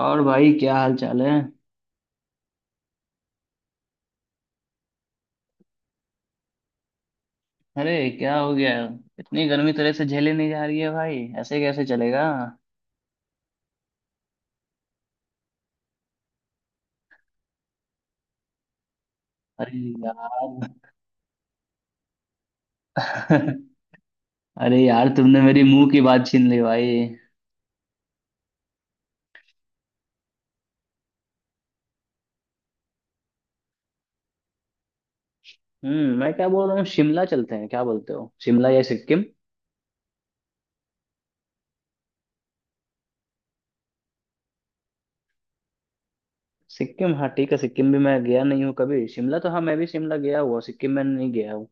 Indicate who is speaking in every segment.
Speaker 1: और भाई क्या हाल चाल है? अरे क्या हो गया? इतनी गर्मी तरह से झेले नहीं जा रही है भाई, ऐसे कैसे चलेगा? अरे यार। अरे यार, तुमने मेरी मुंह की बात छीन ली भाई। हम्म, मैं क्या बोल रहा हूँ, शिमला चलते हैं, क्या बोलते हो, शिमला या सिक्किम? सिक्किम, हाँ ठीक है, सिक्किम भी मैं गया नहीं हूँ कभी। शिमला तो हाँ, मैं भी शिमला गया हुआ, सिक्किम में नहीं गया हूँ।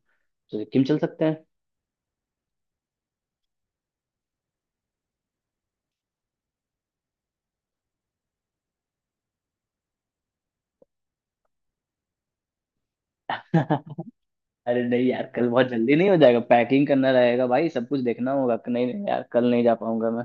Speaker 1: तो सिक्किम चल सकते हैं। अरे नहीं यार, कल बहुत जल्दी नहीं हो जाएगा? पैकिंग करना रहेगा भाई, सब कुछ देखना होगा। नहीं नहीं यार, कल नहीं जा पाऊंगा मैं।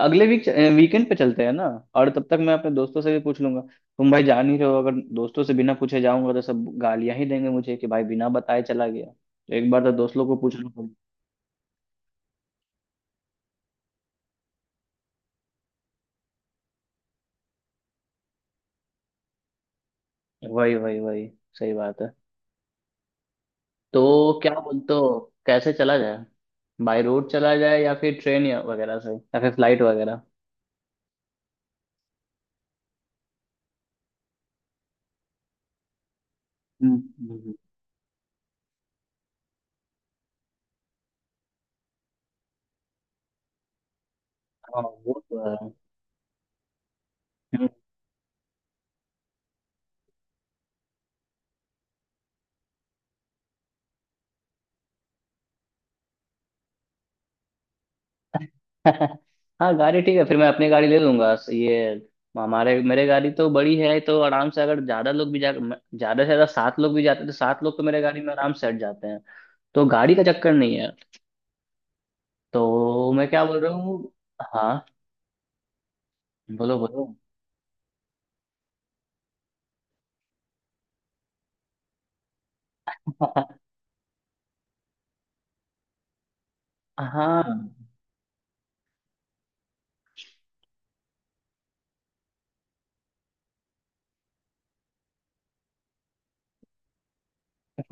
Speaker 1: अगले वीक वीकेंड पे चलते हैं ना। और तब तक मैं अपने दोस्तों से भी पूछ लूंगा। तुम भाई जान ही रहे हो, अगर दोस्तों से बिना पूछे जाऊंगा तो सब गालियां ही देंगे मुझे कि भाई बिना बताए चला गया। तो एक बार तो दोस्त लोग को पूछ लूं। वही वही वही, सही बात है। तो क्या बोलते हो, कैसे चला जाए? बाय रोड चला जाए या फिर ट्रेन या वगैरह से या फिर फ्लाइट वगैरह? हम्म हम्म, हम्म। हाँ वो तो है। हाँ, गाड़ी ठीक है, फिर मैं अपनी गाड़ी ले लूंगा। ये हमारे मेरे गाड़ी तो बड़ी है, तो आराम से अगर ज्यादा लोग भी जा, ज्यादा से ज्यादा सात लोग भी जाते हैं तो सात लोग तो मेरे गाड़ी में आराम से हट जाते हैं। तो गाड़ी का चक्कर नहीं है। तो मैं क्या बोल रहा हूँ। हाँ, बोलो बोलो। हाँ,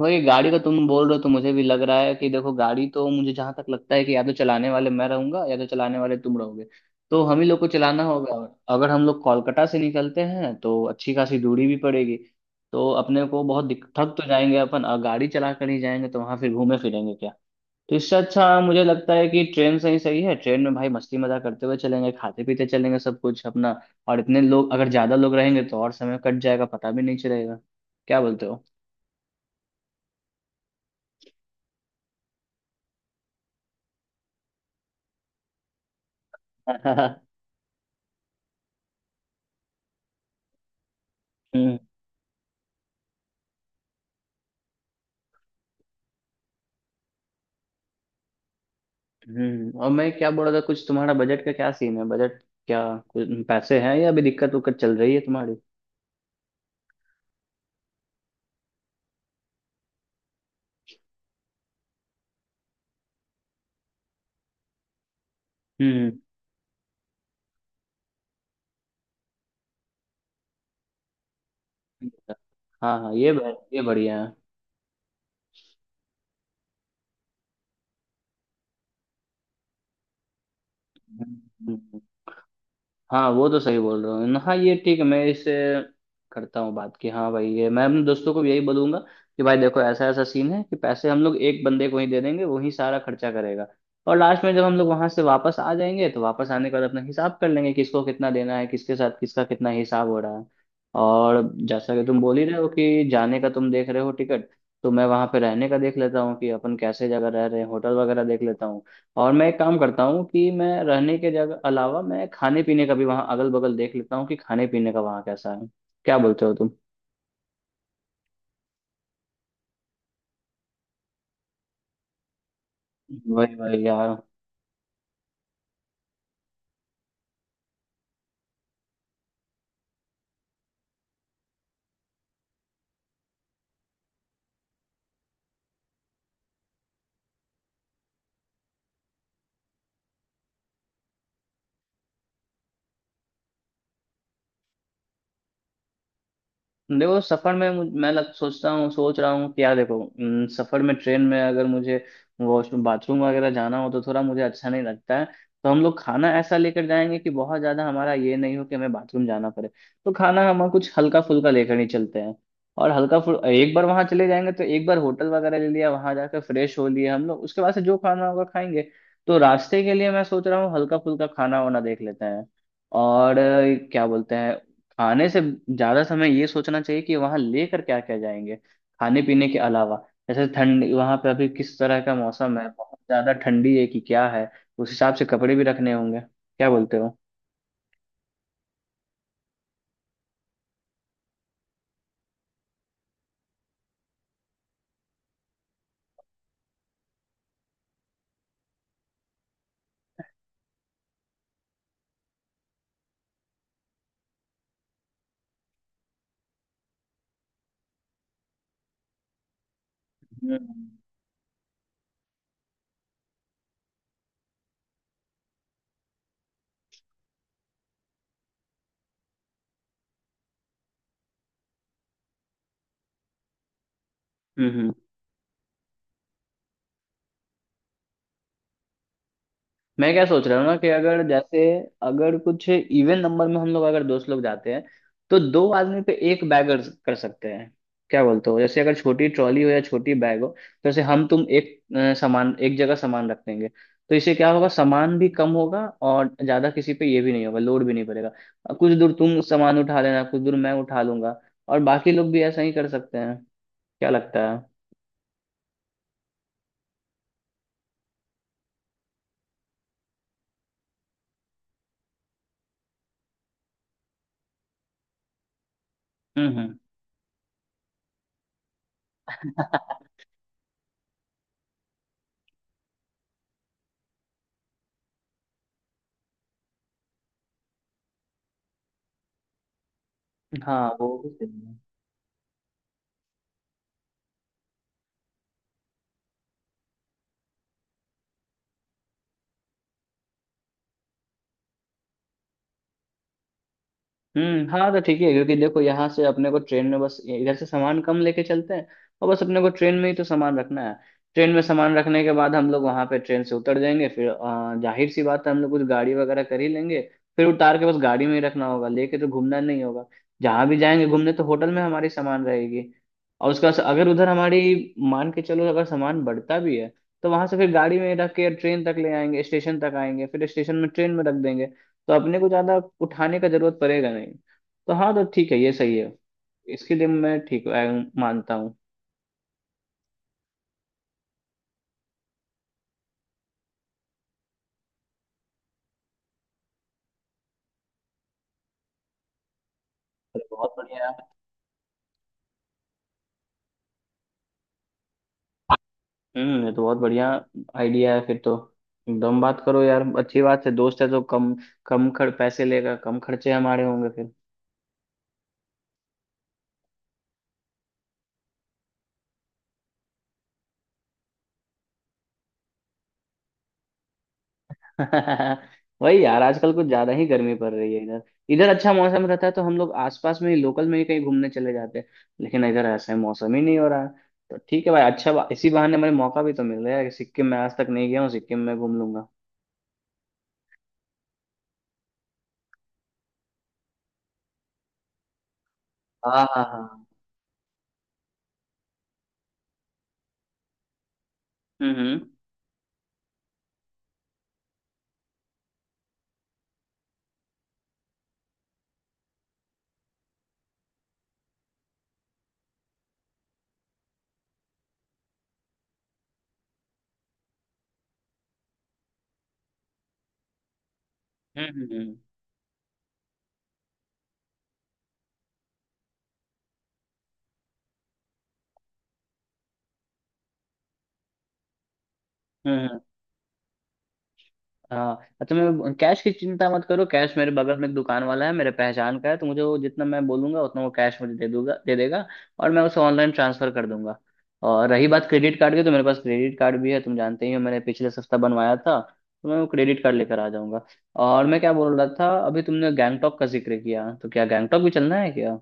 Speaker 1: वही गाड़ी का तुम बोल रहे हो तो मुझे भी लग रहा है कि देखो, गाड़ी तो मुझे जहां तक लगता है कि या तो चलाने वाले मैं रहूंगा या तो चलाने वाले तुम रहोगे। तो हम ही लोग को चलाना होगा, और अगर हम लोग कोलकाता से निकलते हैं तो अच्छी खासी दूरी भी पड़ेगी। तो अपने को बहुत थक तो जाएंगे अपन, और गाड़ी चला कर ही जाएंगे तो वहां फिर घूमे फिरेंगे क्या। तो इससे अच्छा मुझे लगता है कि ट्रेन से ही सही है। ट्रेन में भाई मस्ती मजाक करते हुए चलेंगे, खाते पीते चलेंगे सब कुछ अपना। और इतने लोग अगर ज्यादा लोग रहेंगे तो और समय कट जाएगा, पता भी नहीं चलेगा। क्या बोलते हो? हम्म हम्म। और मैं क्या बोल रहा था, कुछ तुम्हारा बजट का क्या सीन है, बजट क्या, कुछ पैसे हैं या अभी दिक्कत उक्कत चल रही है तुम्हारी? हम्म। हाँ हाँ, ये बढ़िया है। हम्म, हम्म। हाँ वो तो सही बोल रहे हो न, हाँ ये ठीक है, मैं इससे करता हूँ बात कि हाँ भाई, ये मैं अपने दोस्तों को भी यही बोलूंगा कि भाई देखो, ऐसा ऐसा सीन है कि पैसे हम लोग एक बंदे को ही दे देंगे, वही सारा खर्चा करेगा। और लास्ट में जब हम लोग वहां से वापस आ जाएंगे तो वापस आने के बाद अपना हिसाब कर लेंगे, किसको कितना देना है, किसके साथ किसका कितना हिसाब हो रहा है। और जैसा कि तुम बोल ही रहे हो कि जाने का तुम देख रहे हो टिकट, तो मैं वहां पे रहने का देख लेता हूँ कि अपन कैसे जगह रह रहे हैं, होटल वगैरह देख लेता हूँ। और मैं एक काम करता हूँ कि मैं रहने के जगह अलावा मैं खाने पीने का भी वहाँ अगल बगल देख लेता हूँ कि खाने पीने का वहाँ कैसा है। क्या बोलते हो तुम? वही वही यार। देखो सफर में सोचता हूँ, सोच रहा हूँ कि यार देखो, सफर में ट्रेन में अगर मुझे वॉशरूम बाथरूम वगैरह जाना हो तो थोड़ा मुझे अच्छा नहीं लगता है। तो हम लोग खाना ऐसा लेकर जाएंगे कि बहुत ज्यादा हमारा ये नहीं हो कि हमें बाथरूम जाना पड़े। तो खाना हम कुछ हल्का फुल्का लेकर ही चलते हैं। और हल्का फुल, एक बार वहां चले जाएंगे तो एक बार होटल वगैरह ले लिया, वहां जाकर फ्रेश हो लिए हम लोग, उसके बाद से जो खाना होगा खाएंगे। तो रास्ते के लिए मैं सोच रहा हूँ हल्का फुल्का खाना वाना देख लेते हैं। और क्या बोलते हैं, आने से ज्यादा समय ये सोचना चाहिए कि वहां लेकर क्या क्या जाएंगे खाने पीने के अलावा। जैसे ठंडी वहां पे अभी किस तरह का मौसम है, बहुत ज्यादा ठंडी है कि क्या है, उस हिसाब से कपड़े भी रखने होंगे। क्या बोलते हो? हम्म हम्म। मैं क्या सोच रहा हूँ ना, कि अगर जैसे अगर कुछ इवन नंबर में हम लोग अगर दोस्त लोग जाते हैं तो दो आदमी पे एक बैग कर कर सकते हैं। क्या बोलते हो, जैसे अगर छोटी ट्रॉली हो या छोटी बैग हो तो जैसे हम तुम एक सामान, एक जगह सामान रख देंगे तो इससे क्या होगा, सामान भी कम होगा और ज्यादा किसी पे ये भी नहीं होगा, लोड भी नहीं पड़ेगा। कुछ दूर तुम सामान उठा लेना, कुछ दूर मैं उठा लूंगा। और बाकी लोग भी ऐसा ही कर सकते हैं। क्या लगता है? हम्म। हाँ वो भी सही है। हम्म, हाँ तो ठीक है। क्योंकि देखो, यहाँ से अपने को ट्रेन में बस इधर से सामान कम लेके चलते हैं, और बस अपने को ट्रेन में ही तो सामान रखना है। ट्रेन में सामान रखने के बाद हम लोग वहाँ पे ट्रेन से उतर जाएंगे, फिर जाहिर सी बात है हम लोग कुछ गाड़ी वगैरह कर ही लेंगे। फिर उतार के बस गाड़ी में ही रखना होगा, लेके तो घूमना नहीं होगा। जहाँ भी जाएंगे घूमने, तो होटल में हमारी सामान रहेगी। और उसका अगर उधर हमारी मान के चलो अगर सामान बढ़ता भी है तो वहां से फिर गाड़ी में रख के ट्रेन तक ले आएंगे, स्टेशन तक आएंगे, फिर स्टेशन में ट्रेन में रख देंगे। तो अपने को ज्यादा उठाने का जरूरत पड़ेगा नहीं। तो हाँ, तो ठीक है, ये सही है। इसके लिए मैं ठीक मानता हूँ। अरे बहुत बढ़िया। हम्म, ये तो बहुत बढ़िया आइडिया है फिर तो। एकदम बात करो यार, अच्छी बात है, दोस्त है तो कम कम खर्च, पैसे लेगा कम, खर्चे हमारे होंगे फिर। वही यार, आजकल कुछ ज्यादा ही गर्मी पड़ रही है इधर। इधर अच्छा मौसम रहता है तो हम लोग आसपास में ही लोकल में ही कहीं घूमने चले जाते हैं, लेकिन इधर ऐसा ही मौसम ही नहीं हो रहा है। तो ठीक है भाई, अच्छा, इसी बहाने मुझे मौका भी तो मिल रहा है कि सिक्किम में आज तक नहीं गया हूँ, सिक्किम में घूम लूंगा। हाँ हाँ हाँ। हम्म। हम्म। हम्म, हाँ तुम्हें कैश की चिंता मत करो, कैश मेरे बगल में एक दुकान वाला है, मेरे पहचान का है, तो मुझे वो जितना मैं बोलूंगा उतना वो कैश मुझे दे देगा। और मैं उसे ऑनलाइन ट्रांसफर कर दूंगा। और रही बात क्रेडिट कार्ड की, तो मेरे पास क्रेडिट कार्ड भी है, तुम जानते ही हो मैंने पिछले सप्ताह बनवाया था। तो मैं वो क्रेडिट कार्ड लेकर आ जाऊंगा। और मैं क्या बोल रहा था, अभी तुमने गैंगटॉक का जिक्र किया, तो क्या गैंगटॉक भी चलना है क्या?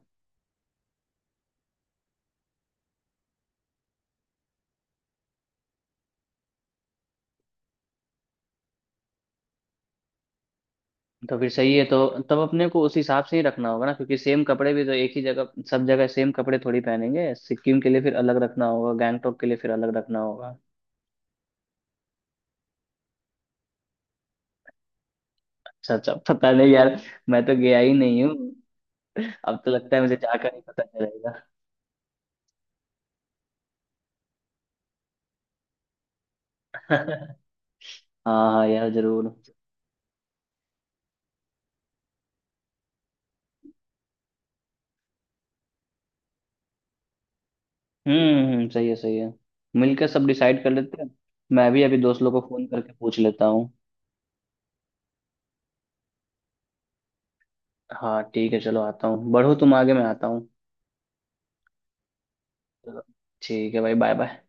Speaker 1: तो फिर सही है तो। तब अपने को उस हिसाब से ही रखना होगा ना, क्योंकि सेम कपड़े भी तो एक ही जगह, सब जगह सेम कपड़े थोड़ी पहनेंगे, सिक्किम के लिए फिर अलग रखना होगा, गैंगटोक के लिए फिर अलग रखना होगा। अच्छा अच्छा, पता नहीं यार, मैं तो गया ही नहीं हूँ। अब तो लगता है मुझे जाकर ही पता चलेगा। हाँ हाँ यार जरूर। सही है सही है, मिलकर सब डिसाइड कर लेते हैं। मैं भी अभी दोस्त लोग को फोन करके पूछ लेता हूँ। हाँ ठीक है, चलो आता हूँ, बढ़ो तुम आगे, मैं आता हूँ। चलो, ठीक है भाई, बाय बाय।